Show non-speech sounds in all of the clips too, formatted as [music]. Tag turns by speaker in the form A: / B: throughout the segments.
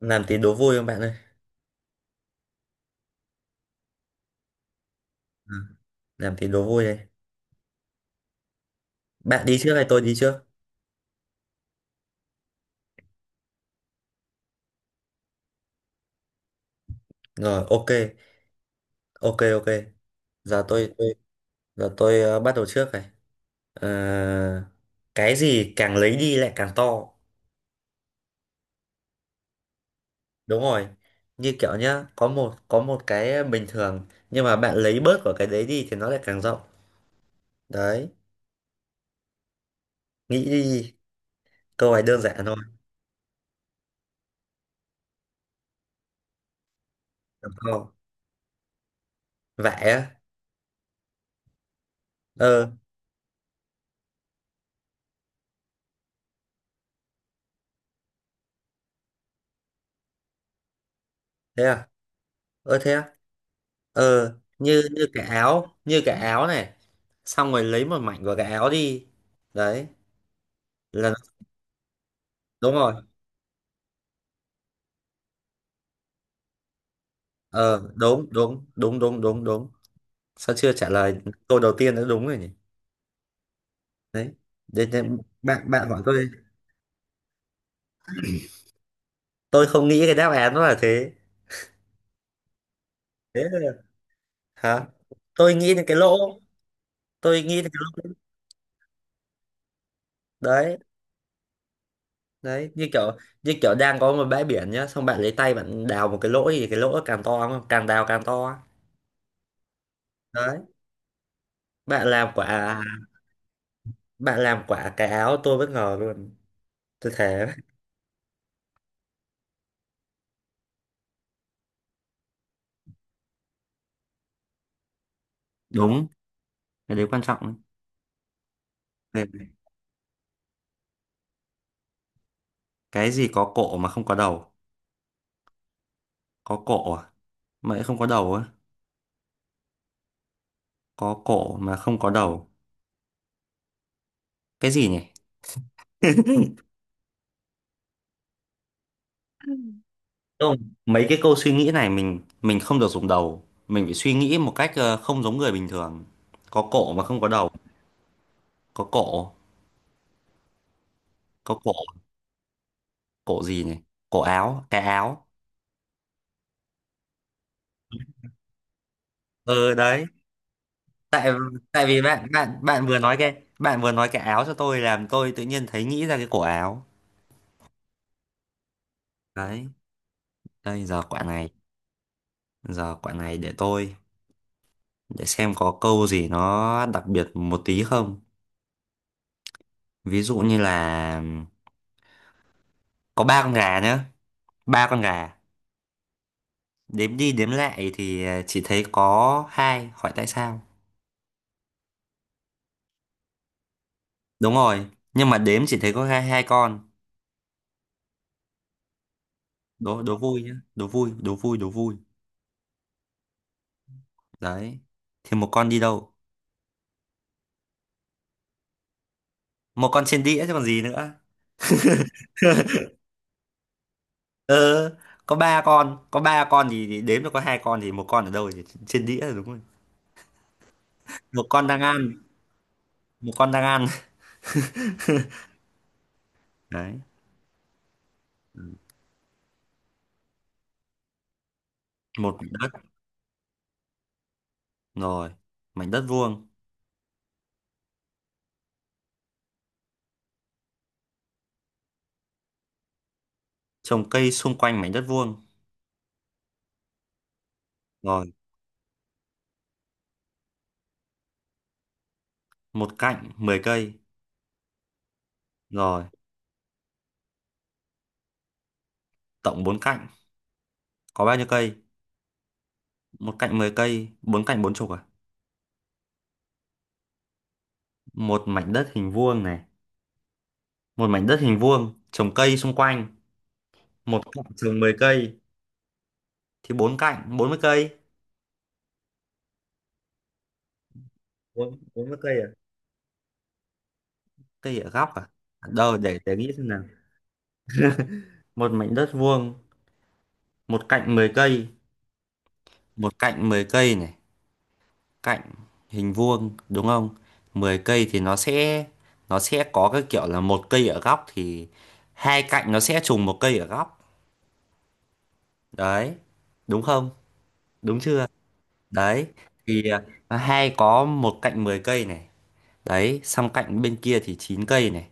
A: Làm tí đố vui không bạn ơi? Ừ, làm tí đố vui đây. Bạn đi trước hay tôi đi trước? Rồi, ok. Ok ok. Giờ tôi giờ tôi bắt đầu trước này. Ờ, cái gì càng lấy đi lại càng to? Đúng rồi, như kiểu nhá, có một cái bình thường nhưng mà bạn lấy bớt của cái đấy đi thì nó lại càng rộng đấy. Nghĩ đi, câu này đơn giản thôi. Làm to, vẽ á? Ờ, thế à? Ơ thế á? Ờ, như như cái áo này. Xong rồi lấy một mảnh của cái áo đi. Đấy, là đúng rồi. Ờ đúng đúng đúng đúng đúng đúng. Sao chưa trả lời câu đầu tiên đã đúng rồi nhỉ? Đấy. Để, bạn bạn hỏi tôi không nghĩ cái đáp án nó là thế. Thế là- hả? Tôi nghĩ đến cái lỗ, tôi nghĩ đến cái lỗ. Đấy, đấy như kiểu, như kiểu đang có một bãi biển nhá, xong bạn lấy tay bạn đào một cái lỗ thì cái lỗ càng to không? Càng đào càng to. Đấy, bạn làm quả, bạn làm quả cái áo tôi bất ngờ luôn. Tôi thế. Đúng, cái đấy quan trọng đấy. Đây này. Cái gì có cổ mà không có đầu? Có cổ à? Mà lại không có đầu á? Có cổ mà không có đầu. Cái gì nhỉ? [laughs] Không, mấy cái câu suy nghĩ này mình không được dùng đầu. Mình phải suy nghĩ một cách không giống người bình thường. Có cổ mà không có đầu. Có cổ, có cổ, cổ gì nhỉ? Cổ áo, cái áo. Ờ đấy. Tại tại vì bạn bạn bạn vừa nói cái, bạn vừa nói cái áo cho tôi làm tôi tự nhiên thấy nghĩ ra cái cổ áo đấy. Đây giờ quả này, giờ quả này để tôi để xem có câu gì nó đặc biệt một tí không. Ví dụ như là có ba con gà nhá, ba con gà đếm đi đếm lại thì chỉ thấy có hai, hỏi tại sao? Đúng rồi, nhưng mà đếm chỉ thấy có hai hai con. Đố đố vui nhá, đố vui, đố vui, đố vui đấy, thì một con đi đâu? Một con trên đĩa chứ còn gì nữa. Ờ, có ba con, có ba con thì đếm được có hai con thì một con ở đâu, thì trên đĩa đúng rồi. Một con đang ăn, một con đang ăn. [laughs] Đấy. Một mảnh đất, rồi. Mảnh đất vuông. Trồng cây xung quanh mảnh đất vuông, rồi. Một cạnh 10 cây, rồi. Tổng bốn cạnh có bao nhiêu cây? Một cạnh 10 cây, bốn cạnh bốn chục à? Một mảnh đất hình vuông này, một mảnh đất hình vuông trồng cây xung quanh, một cạnh trồng 10 cây thì bốn cạnh 40 cây. Bốn, 40 cây à? Cây ở góc à? Đâu, để nghĩ xem. Một mảnh đất vuông, một cạnh 10 cây, một cạnh 10 cây này, cạnh hình vuông đúng không, 10 cây thì nó sẽ, nó sẽ có cái kiểu là một cây ở góc thì hai cạnh nó sẽ trùng một cây ở góc. Đấy, đúng không, đúng chưa? Đấy, thì hai, có một cạnh 10 cây này. Đấy, xong cạnh bên kia thì 9 cây này,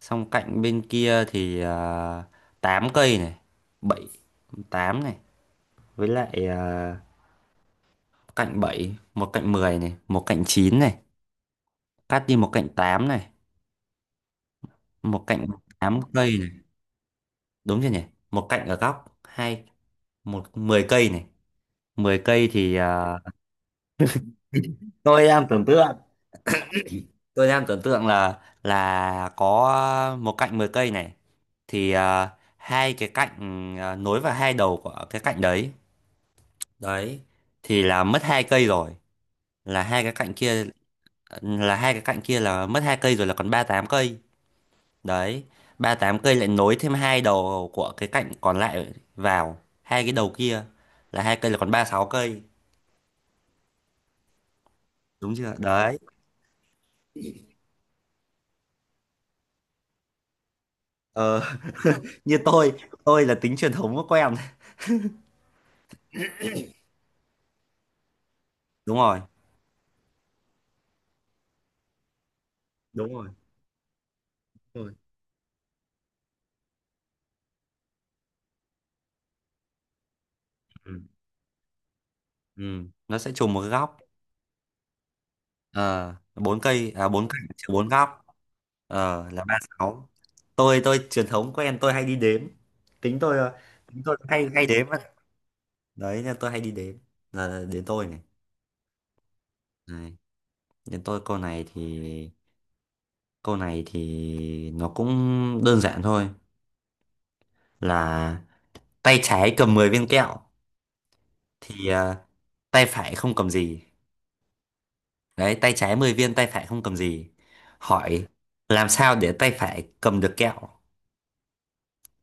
A: xong cạnh bên kia thì tám cây này, bảy, 8 này, với lại cạnh bảy, một cạnh 10 này, một cạnh 9 này, cắt đi một cạnh 8 này, một cạnh 8 cây này, đúng chưa nhỉ? Một cạnh ở góc, hai, một 10 cây này. Mười cây thì [laughs] tôi đang tưởng tượng, tôi đang tưởng tượng là có một cạnh 10 cây này thì hai cái cạnh nối vào hai đầu của cái cạnh đấy. Đấy, thì là mất hai cây rồi, là hai cái cạnh kia, là hai cái cạnh kia là mất hai cây rồi, là còn ba tám cây. Đấy, ba tám cây lại nối thêm hai đầu của cái cạnh còn lại vào hai cái đầu kia là hai cây, là còn ba sáu cây, đúng chưa đấy? ờ, [laughs] Như tôi là tính truyền thống của em. Đúng rồi, đúng rồi, đúng rồi. Ừ. Ừ. Nó sẽ trùng một cái góc. Ờ, bốn cây à, bốn cạnh trừ bốn góc. Ờ, là ba sáu. Tôi truyền thống của em, tôi hay đi đếm, tính tôi tính tôi hay hay đếm á. Đấy nên tôi hay đi đếm. Là đến tôi này. Này, đến tôi câu này thì, câu này thì nó cũng đơn giản thôi, là tay trái cầm 10 viên kẹo thì tay phải không cầm gì. Đấy, tay trái 10 viên tay phải không cầm gì. Hỏi làm sao để tay phải cầm được kẹo?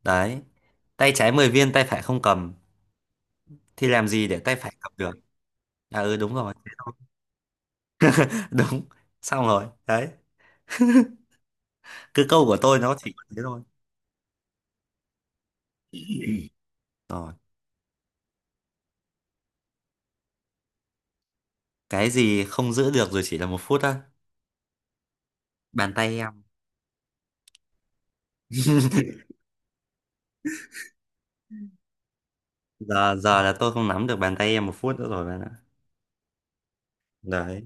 A: Đấy. Tay trái 10 viên tay phải không cầm thì làm gì để tay phải cầm được? À ừ đúng rồi. [laughs] Đúng. Xong rồi. Đấy. Cứ câu của tôi nó chỉ có thế thôi. Rồi, cái gì không giữ được rồi chỉ là một phút á? Bàn tay em. Giờ, giờ là tôi không nắm được bàn tay em một phút nữa rồi bạn ạ. Đấy,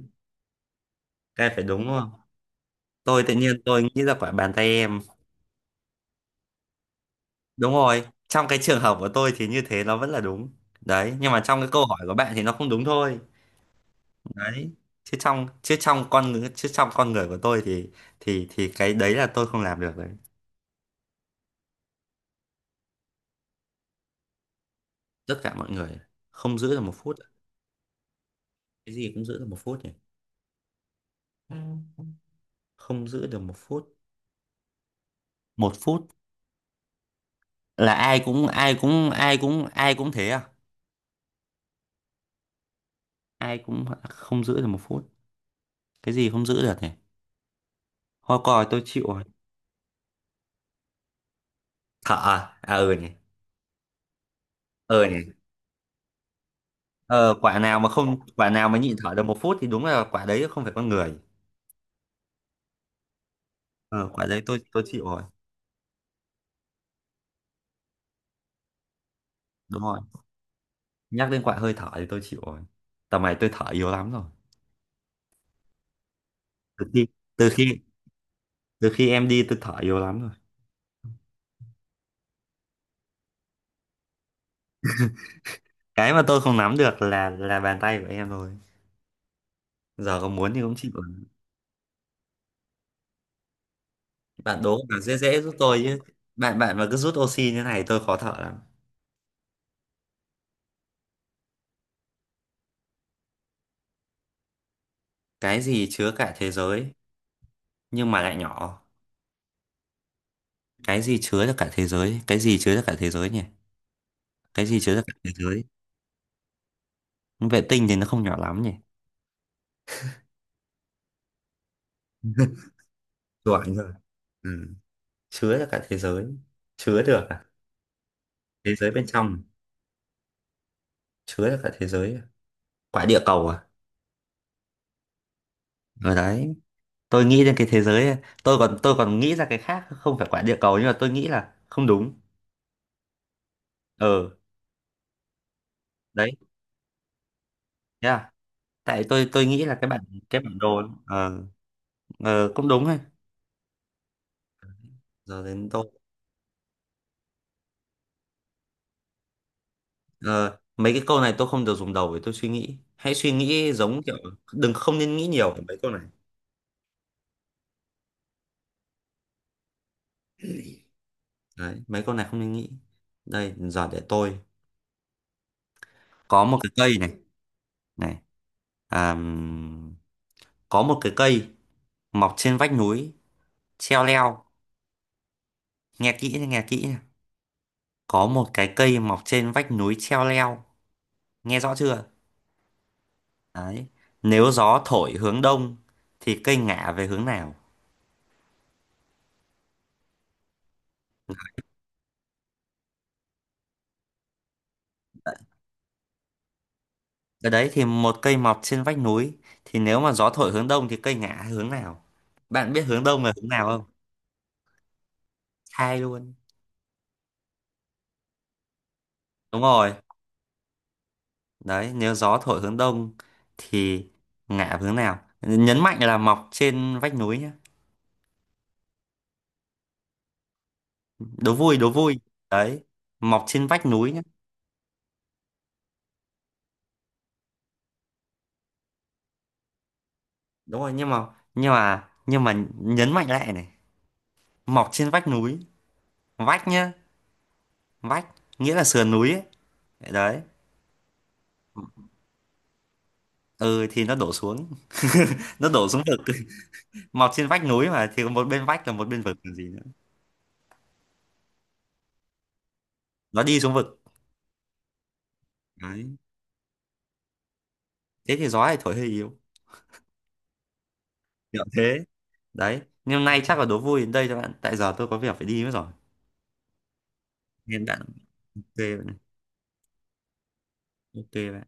A: cái này phải đúng không? Tôi tự nhiên tôi nghĩ ra quả bàn tay em. Đúng rồi, trong cái trường hợp của tôi thì như thế nó vẫn là đúng. Đấy, nhưng mà trong cái câu hỏi của bạn thì nó không đúng thôi. Đấy. Chứ trong con người chứ trong con người của tôi thì thì cái đấy là tôi không làm được đấy. Tất cả mọi người không giữ được một phút. Cái gì cũng giữ được một phút nhỉ? Ừ. Không giữ được một phút. Một phút là ai cũng thế à? Ai cũng không giữ được một phút. Cái gì không giữ được nhỉ? Hoa còi tôi chịu. Thở à? À ừ nhỉ. Ừ nhỉ. Ờ, quả nào mà không, quả nào mà nhịn thở được một phút thì đúng là quả đấy không phải con người. Ờ, quả đấy tôi chịu rồi. Đúng rồi, nhắc đến quả hơi thở thì tôi chịu rồi. Tầm này tôi thở yếu lắm rồi. Từ khi từ khi từ khi em đi tôi thở yếu lắm rồi. Cái mà tôi không nắm được là bàn tay của em thôi. Giờ có muốn thì cũng chịu rồi. Bạn đố là dễ dễ giúp tôi chứ, bạn bạn mà cứ rút oxy như này tôi khó thở lắm. Cái gì chứa cả thế giới nhưng mà lại nhỏ? Cái gì chứa được cả thế giới, cái gì chứa được cả thế giới nhỉ? Cái gì chứa ra cả thế giới? Vệ tinh thì nó không nhỏ lắm nhỉ? [laughs] Đoạn rồi. Ừ. Chứa ra cả thế giới. Chứa được à? Thế giới bên trong. Chứa ra cả thế giới à? Quả địa cầu à? Ở đấy, tôi nghĩ đến cái thế giới ấy. Tôi còn nghĩ ra cái khác không phải quả địa cầu nhưng mà tôi nghĩ là không đúng. Ờ đấy, thế à, tại tôi nghĩ là cái bản, cái bản đồ. Ờ. Ờ, cũng đúng hay. Giờ đến tôi. Ờ, mấy cái câu này tôi không được dùng đầu để tôi suy nghĩ, hãy suy nghĩ giống kiểu đừng, không nên nghĩ nhiều về mấy câu này. Đấy, mấy con này không nên nghĩ. Đây giờ để tôi có một cái cây này này, à, có một cái cây mọc trên vách núi treo leo. Nghe kỹ nha, nghe kỹ nha. Có một cái cây mọc trên vách núi treo leo, nghe rõ chưa? Đấy, nếu gió thổi hướng đông thì cây ngả về hướng nào? Đấy. Cái đấy thì một cây mọc trên vách núi thì nếu mà gió thổi hướng đông thì cây ngả hướng nào? Bạn biết hướng đông là hướng nào không? Sai luôn. Đúng rồi. Đấy, nếu gió thổi hướng đông thì ngả về hướng nào, nhấn mạnh là mọc trên vách núi nhé, đố vui, đố vui. Đấy, mọc trên vách núi nhé. Đúng rồi nhưng mà nhấn mạnh lại này, mọc trên vách núi, vách nhá, vách nghĩa là sườn núi ấy. Đấy. Ừ thì nó đổ xuống. [laughs] Nó đổ xuống vực. [laughs] Mọc trên vách núi mà thì có một bên vách là một bên vực còn gì nữa. Nó đi xuống vực. Đấy, thế thì gió lại thổi hơi yếu, kiểu thế. Đấy, nhưng hôm nay chắc là đố vui đến đây cho bạn, tại giờ tôi có việc phải đi mất rồi. Hẹn bạn, bạn ạ. Ok bạn.